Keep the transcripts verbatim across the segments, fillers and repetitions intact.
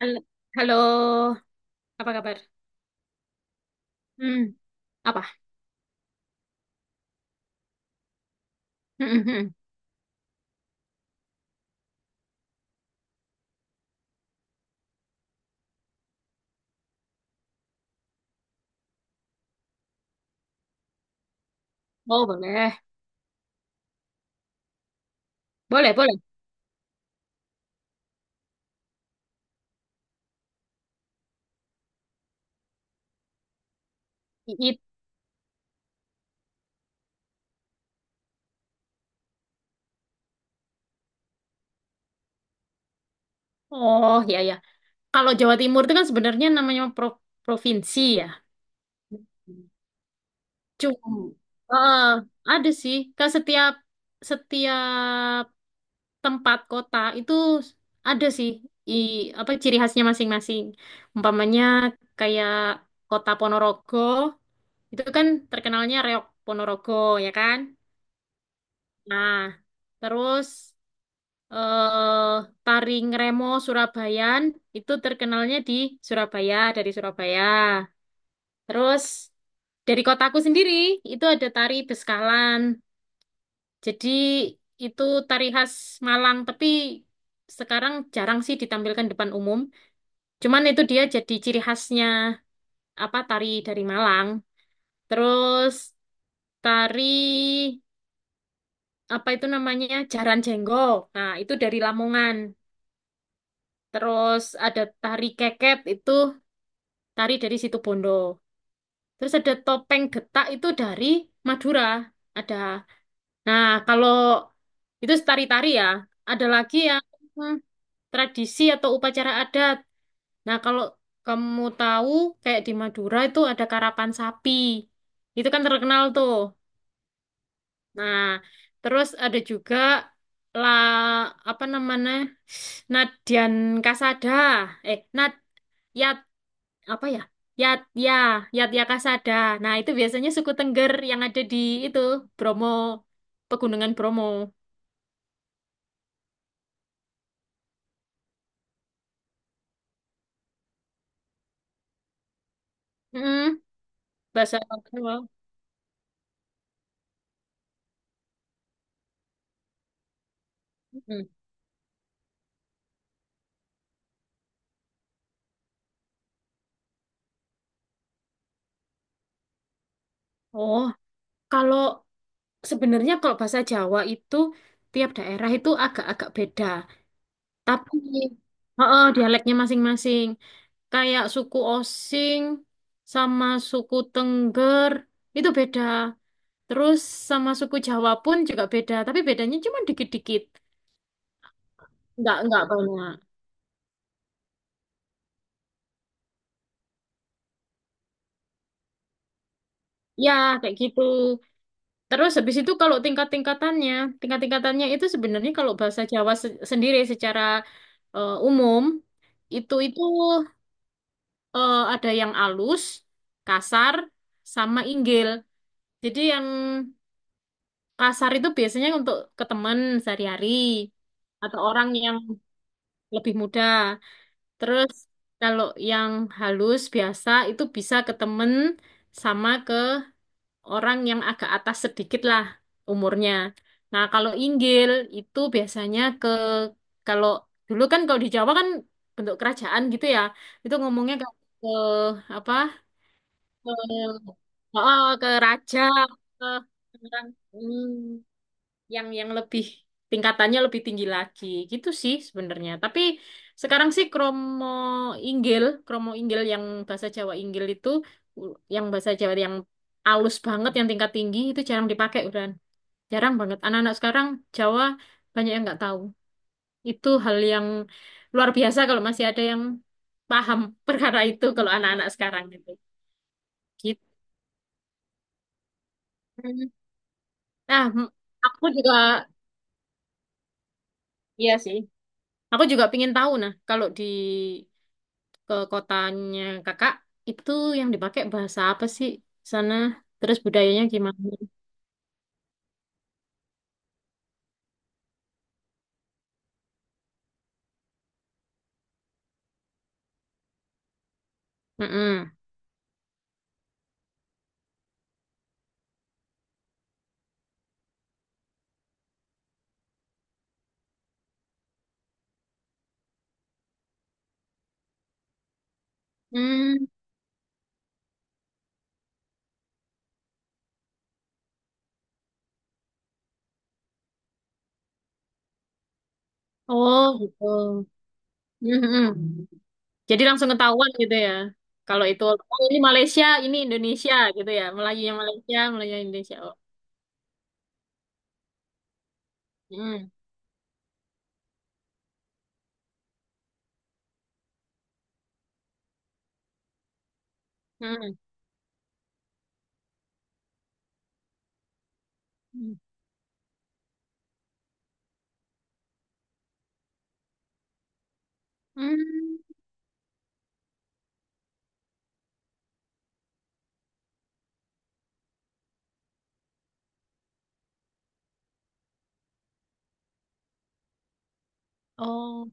Hal- Halo, apa kabar? Hmm, apa? Hmm, hmm, hmm. Oh, boleh. Boleh, boleh. I- i- Oh, ya, ya. Kalau Jawa Timur itu kan sebenarnya namanya pro- provinsi ya. Cuma, eh, ada sih. Kan setiap setiap tempat kota itu ada sih i, apa ciri khasnya masing-masing. Umpamanya kayak kota Ponorogo itu kan terkenalnya reok Ponorogo ya kan? Nah, terus eh, tari Ngremo Surabayan itu terkenalnya di Surabaya, dari Surabaya. Terus dari kotaku sendiri itu ada tari Beskalan. Jadi itu tari khas Malang, tapi sekarang jarang sih ditampilkan depan umum. Cuman itu dia jadi ciri khasnya apa tari dari Malang. Terus tari apa itu namanya? Jaran Jenggo. Nah, itu dari Lamongan. Terus ada tari keket itu tari dari Situbondo. Terus ada topeng getak itu dari Madura. Ada. Nah, kalau itu tari-tari ya. Ada lagi yang hmm, tradisi atau upacara adat. Nah, kalau kamu tahu kayak di Madura itu ada karapan sapi. Itu kan terkenal tuh. Nah, terus ada juga la apa namanya? Nadian Kasada. Eh, Nad ya apa ya? Yat ya, Yat kasada. Nah, itu biasanya suku Tengger yang ada di itu Bromo, Pegunungan Bromo. Mm, bahasa Jawa. Mm. Oh, kalau sebenarnya kalau bahasa Jawa itu tiap daerah itu agak-agak beda. Tapi heeh, dialeknya masing-masing. Kayak suku Osing sama suku Tengger itu beda. Terus sama suku Jawa pun juga beda, tapi bedanya cuma dikit-dikit. nggak nggak banyak. Ya, kayak gitu. Terus habis itu kalau tingkat-tingkatannya, tingkat-tingkatannya itu sebenarnya kalau bahasa Jawa se- sendiri secara eh, umum itu itu eh, ada yang alus, kasar, sama inggil. Jadi yang kasar itu biasanya untuk ke teman sehari-hari atau orang yang lebih muda. Terus kalau yang halus biasa itu bisa ke temen sama ke orang yang agak atas sedikit lah umurnya. Nah, kalau inggil itu biasanya ke kalau dulu kan kalau di Jawa kan bentuk kerajaan gitu ya. Itu ngomongnya ke, ke apa? Ke, oh, ke raja, ke orang. hmm yang yang lebih tingkatannya lebih tinggi lagi gitu sih sebenarnya. Tapi sekarang sih kromo inggil, kromo inggil yang bahasa Jawa inggil itu u- yang bahasa Jawa yang alus banget yang tingkat tinggi itu jarang dipakai udah jarang banget. Anak-anak sekarang Jawa banyak yang nggak tahu. Itu hal yang luar biasa kalau masih ada yang paham perkara itu kalau anak-anak sekarang gitu. Gitu. Nah, m- aku juga iya sih. Aku juga pingin tahu nah kalau di ke kotanya kakak itu yang dipakai bahasa apa sih sana terus budayanya gimana. Mm-mm. Hmm. Oh gitu. Mm-mm. Jadi langsung ketahuan gitu ya, kalau itu oh, ini Malaysia ini Indonesia gitu ya, Melayu yang Malaysia Melayu yang Indonesia oh. Mm. Mm. Mm. Oh,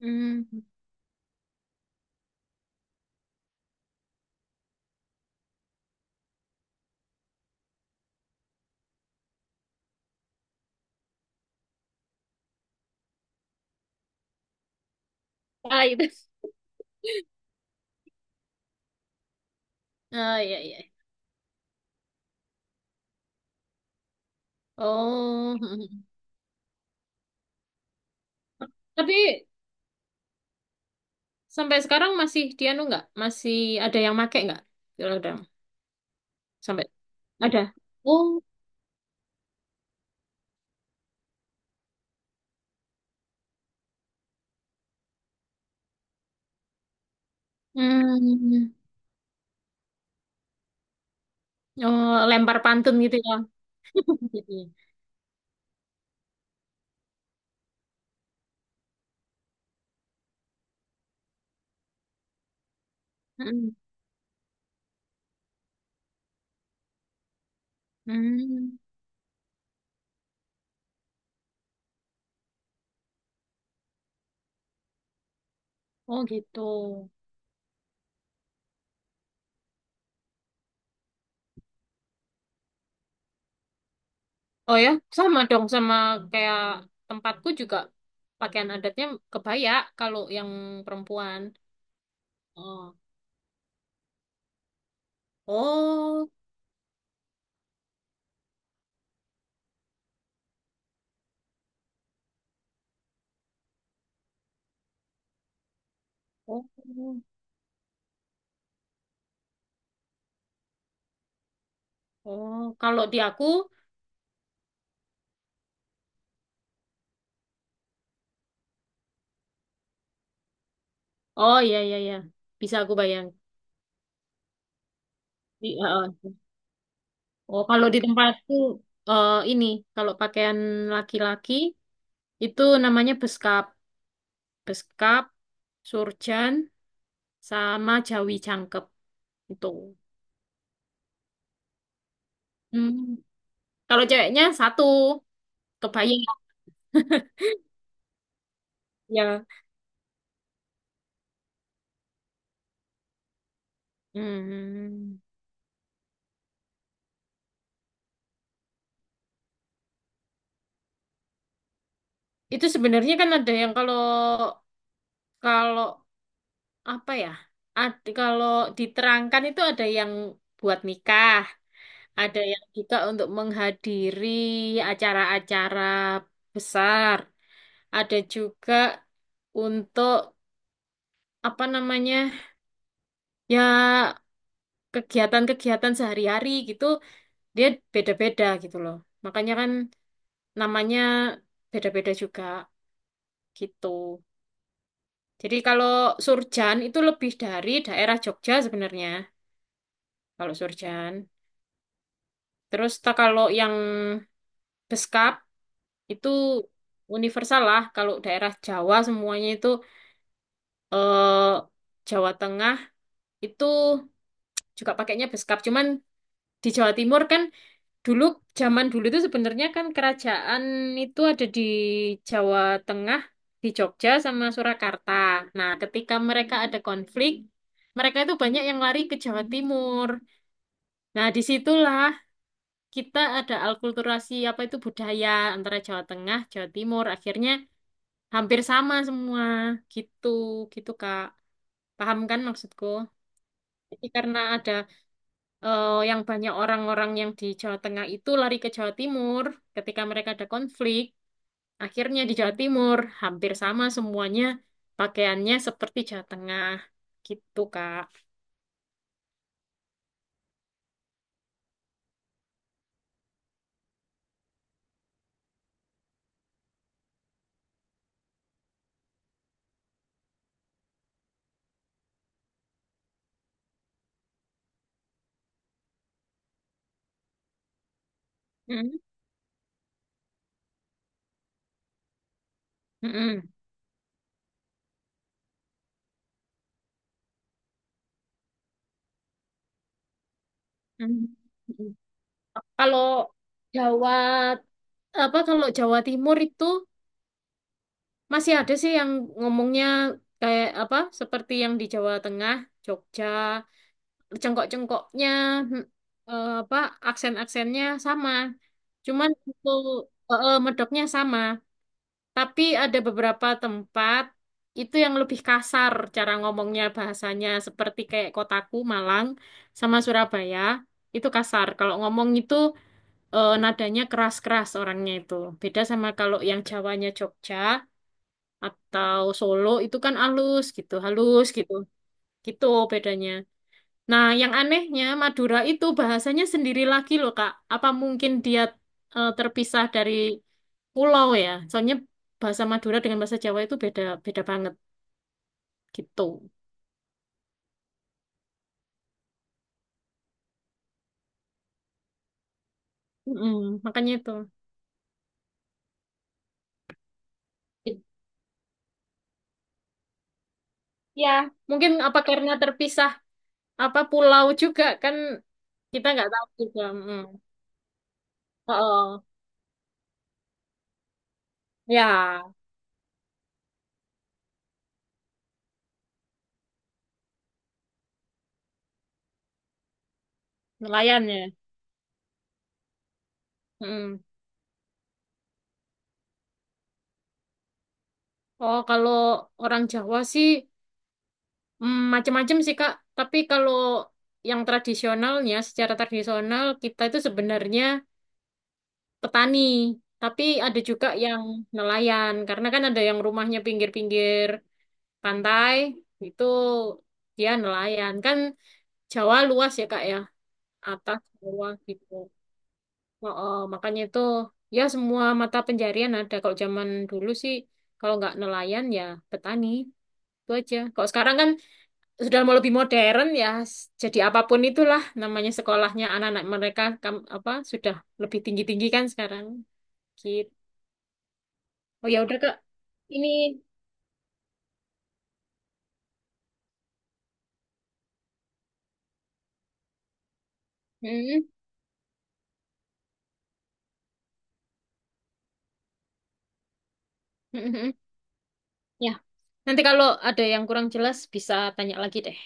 Mm. Ah itu. Ah iya iya. Oh, Mm. Tapi sampai sekarang masih dianu nggak? Masih ada yang make nggak? Kalau udah sampai. Ada. Oh, hmm. Oh, lempar pantun gitu ya. Gitu ya. Hmm. Hmm. Oh gitu. Oh ya, sama dong sama kayak tempatku juga pakaian adatnya kebaya kalau yang perempuan. Oh. Oh. Oh. Oh, kalau di aku, oh iya iya iya. Bisa aku bayang. I- uh, uh. Oh, kalau di tempatku eh ini kalau pakaian laki-laki itu namanya beskap. Beskap, surjan, sama Jawi Jangkep itu. Hmm. Kalau ceweknya satu, kebayang ya. Hmm. Itu sebenarnya kan ada yang kalau kalau apa ya? Ad- kalau diterangkan itu ada yang buat nikah, ada yang juga untuk menghadiri acara-acara besar, ada juga untuk apa namanya? Ya kegiatan-kegiatan sehari-hari gitu. Dia beda-beda gitu loh. Makanya kan namanya beda-beda juga gitu. Jadi kalau Surjan itu lebih dari daerah Jogja sebenarnya. Kalau Surjan. Terus ta- kalau yang Beskap itu universal lah. Kalau daerah Jawa semuanya itu eh, Jawa Tengah itu juga pakainya Beskap. Cuman di Jawa Timur kan Dulu, zaman dulu itu sebenarnya kan kerajaan itu ada di Jawa Tengah, di Jogja sama Surakarta. Nah, ketika mereka ada konflik, mereka itu banyak yang lari ke Jawa Timur. Nah, disitulah kita ada alkulturasi apa itu budaya antara Jawa Tengah, Jawa Timur. Akhirnya hampir sama semua gitu, gitu Kak. Paham kan maksudku? Jadi karena ada eh, yang banyak orang-orang yang di Jawa Tengah itu lari ke Jawa Timur ketika mereka ada konflik. Akhirnya di Jawa Timur hampir sama semuanya pakaiannya seperti Jawa Tengah gitu Kak. Mm, mm-mm, mm, mm. Kalau Jawa apa kalau Jawa Timur itu masih ada sih yang ngomongnya kayak apa seperti yang di Jawa Tengah, Jogja, cengkok-cengkoknya mm, eh, apa aksen-aksennya sama. Cuman itu eh, eh, medoknya sama. Tapi ada beberapa tempat itu yang lebih kasar cara ngomongnya bahasanya seperti kayak kotaku Malang sama Surabaya itu kasar. Kalau ngomong itu eh, nadanya keras-keras orangnya itu. Beda sama kalau yang Jawanya Jogja atau Solo itu kan halus gitu, halus gitu. Gitu bedanya. Nah, yang anehnya Madura itu bahasanya sendiri lagi loh, Kak. Apa mungkin dia eh, terpisah dari pulau ya? Soalnya bahasa Madura dengan bahasa Jawa itu beda beda banget gitu. Mm, makanya itu. Ya, Mungkin apa karena terpisah apa pulau juga kan kita nggak tahu juga. Mm. Oh, ya nelayan ya. Mm. Oh, kalau orang Jawa sih Hmm, macam-macam sih Kak, tapi kalau yang tradisionalnya secara tradisional kita itu sebenarnya petani, tapi ada juga yang nelayan karena kan ada yang rumahnya pinggir-pinggir pantai itu dia nelayan kan Jawa luas ya Kak ya, atas bawah gitu. Oh, oh, makanya itu ya semua mata penjarian ada kalau zaman dulu sih kalau nggak nelayan ya petani itu aja. Kalau sekarang kan sudah mau lebih modern ya jadi apapun itulah namanya sekolahnya anak-anak mereka kam- apa sudah lebih tinggi-tinggi kan sekarang gitu. Oh ya udah Kak ini. Mm-mm. Mm-mm. Ya nanti kalau ada yang kurang jelas bisa tanya lagi deh.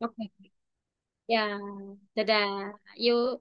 Oke ya, dadah, yuk.